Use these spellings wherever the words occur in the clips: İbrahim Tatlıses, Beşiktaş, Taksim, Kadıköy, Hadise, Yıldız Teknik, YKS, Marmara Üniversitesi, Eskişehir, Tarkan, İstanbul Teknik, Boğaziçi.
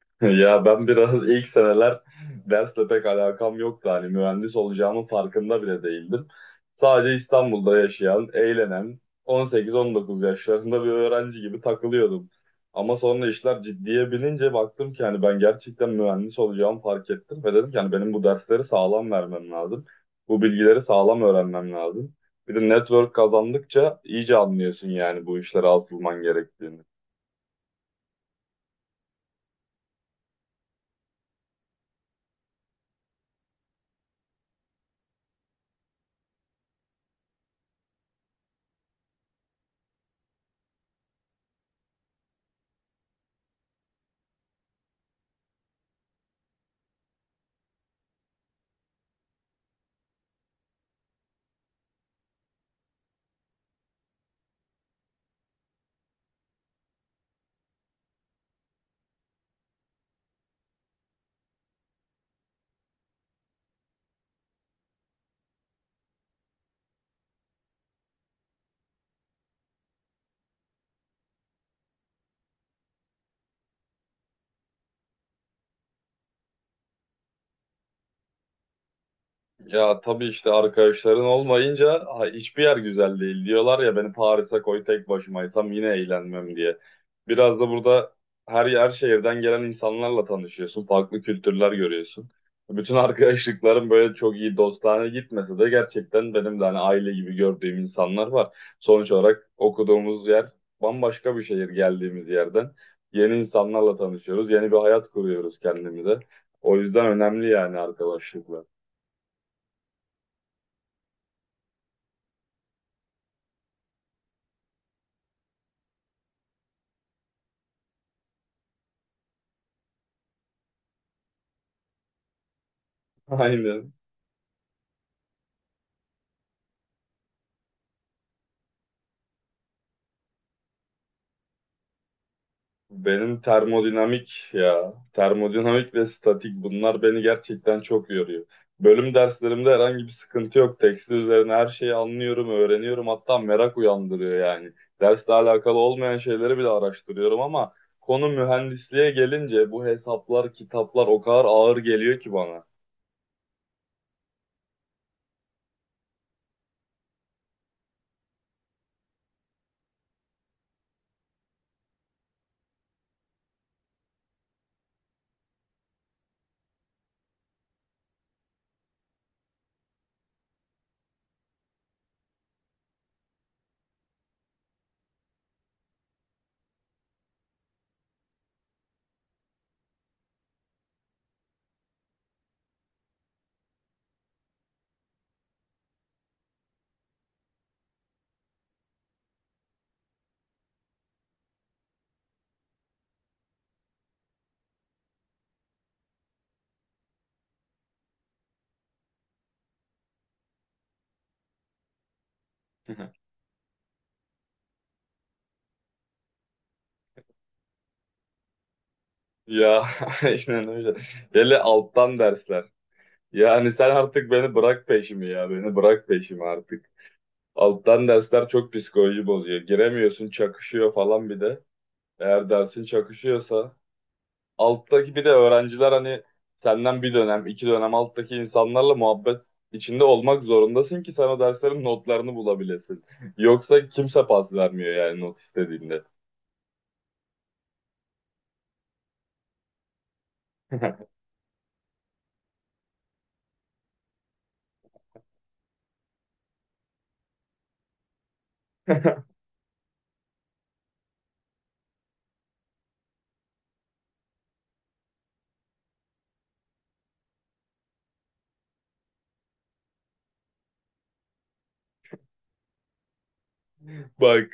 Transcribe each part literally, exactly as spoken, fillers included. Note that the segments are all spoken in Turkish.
Ya ben biraz ilk seneler dersle pek alakam yoktu. Hani mühendis olacağımın farkında bile değildim. Sadece İstanbul'da yaşayan, eğlenen, on sekiz on dokuz yaşlarında bir öğrenci gibi takılıyordum. Ama sonra işler ciddiye binince baktım ki hani ben gerçekten mühendis olacağımı fark ettim ve dedim ki hani benim bu dersleri sağlam vermem lazım. Bu bilgileri sağlam öğrenmem lazım. Bir de network kazandıkça iyice anlıyorsun yani bu işlere atılman gerektiğini. Ya tabii işte arkadaşların olmayınca ha, hiçbir yer güzel değil diyorlar ya beni Paris'e koy tek başımaysam yine eğlenmem diye. Biraz da burada her yer şehirden gelen insanlarla tanışıyorsun, farklı kültürler görüyorsun. Bütün arkadaşlıklarım böyle çok iyi dostane gitmese de gerçekten benim de hani aile gibi gördüğüm insanlar var. Sonuç olarak okuduğumuz yer bambaşka bir şehir geldiğimiz yerden. Yeni insanlarla tanışıyoruz, yeni bir hayat kuruyoruz kendimize. O yüzden önemli yani arkadaşlıklar. Aynen. Benim termodinamik ya. Termodinamik ve statik bunlar beni gerçekten çok yoruyor. Bölüm derslerimde herhangi bir sıkıntı yok. Tekstil üzerine her şeyi anlıyorum, öğreniyorum. Hatta merak uyandırıyor yani. Dersle alakalı olmayan şeyleri bile araştırıyorum ama konu mühendisliğe gelince bu hesaplar, kitaplar o kadar ağır geliyor ki bana. Ya, aynen öyle. Hele alttan dersler. Yani sen artık beni bırak peşimi ya. Beni bırak peşimi artık. Alttan dersler çok psikoloji bozuyor. Giremiyorsun, çakışıyor falan bir de. Eğer dersin çakışıyorsa. Alttaki bir de öğrenciler hani senden bir dönem, iki dönem alttaki insanlarla muhabbet içinde olmak zorundasın ki sen o derslerin notlarını bulabilesin. Yoksa kimse pas vermiyor yani not istediğinde. Bak,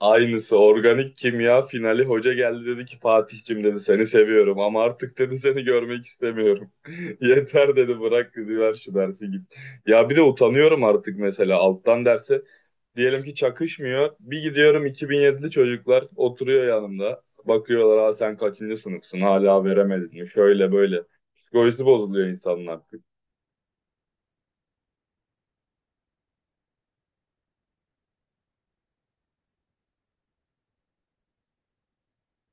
aynısı organik kimya finali hoca geldi dedi ki Fatih'cim dedi seni seviyorum ama artık dedi seni görmek istemiyorum. Yeter dedi bırak dedi ver şu dersi git. Ya bir de utanıyorum artık mesela alttan derse diyelim ki çakışmıyor bir gidiyorum iki bin yedili çocuklar oturuyor yanımda bakıyorlar ha sen kaçıncı sınıfsın hala veremedin mi şöyle böyle psikolojisi bozuluyor insanın artık.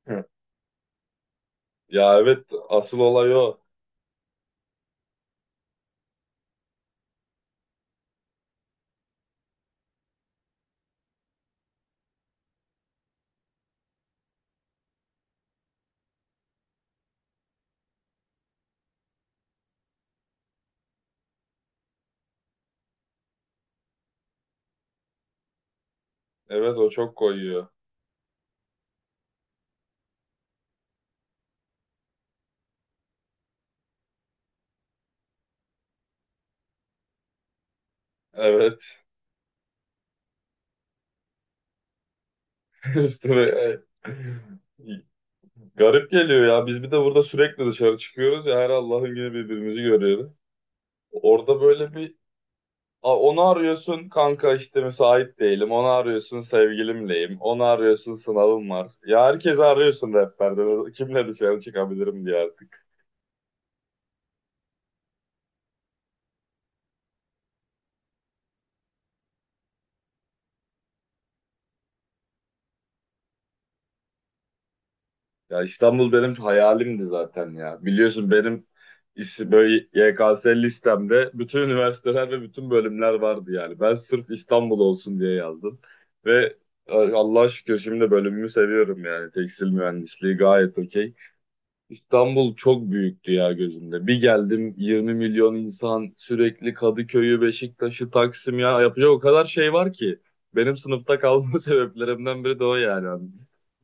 Ya evet, asıl olay o, evet o çok koyuyor. Evet. İşte böyle, e, garip geliyor ya. Biz bir de burada sürekli dışarı çıkıyoruz ya her Allah'ın günü birbirimizi görüyoruz. Orada böyle bir a- onu arıyorsun kanka işte müsait değilim. Onu arıyorsun sevgilimleyim. Onu arıyorsun sınavım var. Ya herkesi arıyorsun rehberde. Kimle dışarı çıkabilirim diye. Ya İstanbul benim hayalimdi zaten ya. Biliyorsun benim is- böyle Y K S listemde bütün üniversiteler ve bütün bölümler vardı yani. Ben sırf İstanbul olsun diye yazdım. Ve e, Allah'a şükür şimdi bölümümü seviyorum yani. Tekstil mühendisliği gayet okey. İstanbul çok büyüktü ya gözümde. Bir geldim yirmi milyon insan sürekli Kadıköy'ü, Beşiktaş'ı, Taksim ya yapacak o kadar şey var ki. Benim sınıfta kalma sebeplerimden biri de o yani. Hani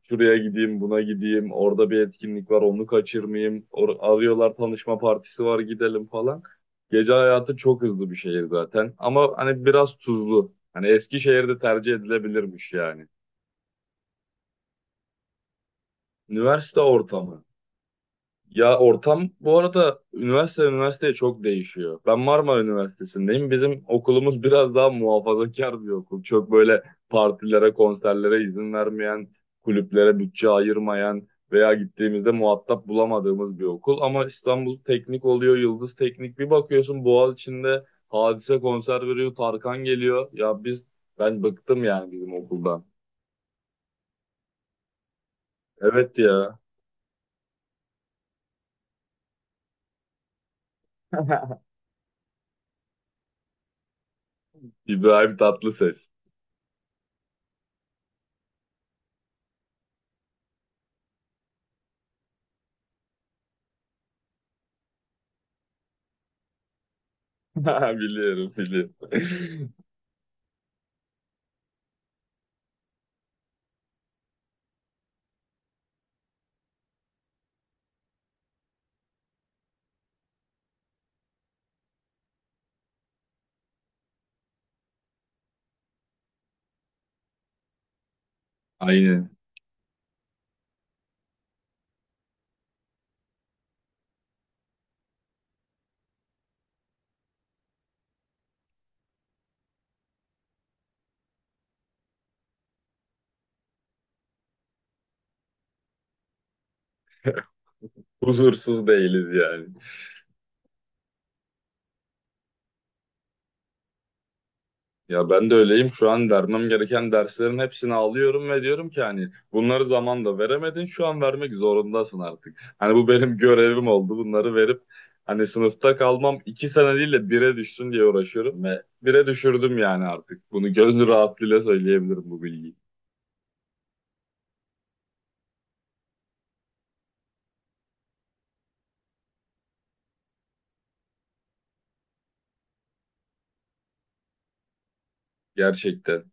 şuraya gideyim, buna gideyim, orada bir etkinlik var onu kaçırmayayım. Or arıyorlar tanışma partisi var gidelim falan. Gece hayatı çok hızlı bir şehir zaten ama hani biraz tuzlu. Hani Eskişehir'de tercih edilebilirmiş yani. Üniversite ortamı. Ya ortam bu arada üniversite üniversiteye çok değişiyor. Ben Marmara Üniversitesi'ndeyim. Bizim okulumuz biraz daha muhafazakar bir okul. Çok böyle partilere, konserlere izin vermeyen, kulüplere bütçe ayırmayan veya gittiğimizde muhatap bulamadığımız bir okul. Ama İstanbul Teknik oluyor, Yıldız Teknik. Bir bakıyorsun Boğaziçi'nde Hadise konser veriyor, Tarkan geliyor. Ya biz, ben bıktım yani bizim okuldan. Evet ya. İbrahim Tatlıses. Biliyorum, biliyorum. Aynen. Huzursuz değiliz yani. Ya ben de öyleyim. Şu an vermem gereken derslerin hepsini alıyorum ve diyorum ki hani bunları zamanla veremedin. Şu an vermek zorundasın artık. Hani bu benim görevim oldu. Bunları verip hani sınıfta kalmam iki sene değil de bire düşsün diye uğraşıyorum ve bire düşürdüm yani artık. Bunu gönül rahatlığıyla söyleyebilirim bu bilgiyi. Gerçekten.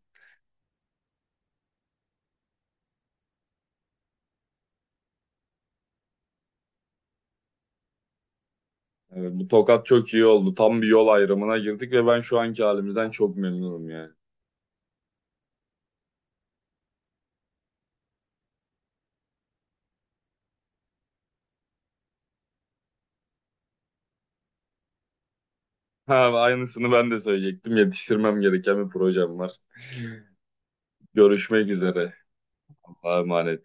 Evet, bu tokat çok iyi oldu. Tam bir yol ayrımına girdik ve ben şu anki halimizden çok memnunum yani. Ha, aynısını ben de söyleyecektim. Yetiştirmem gereken bir projem var. Görüşmek üzere. Allah'a emanet.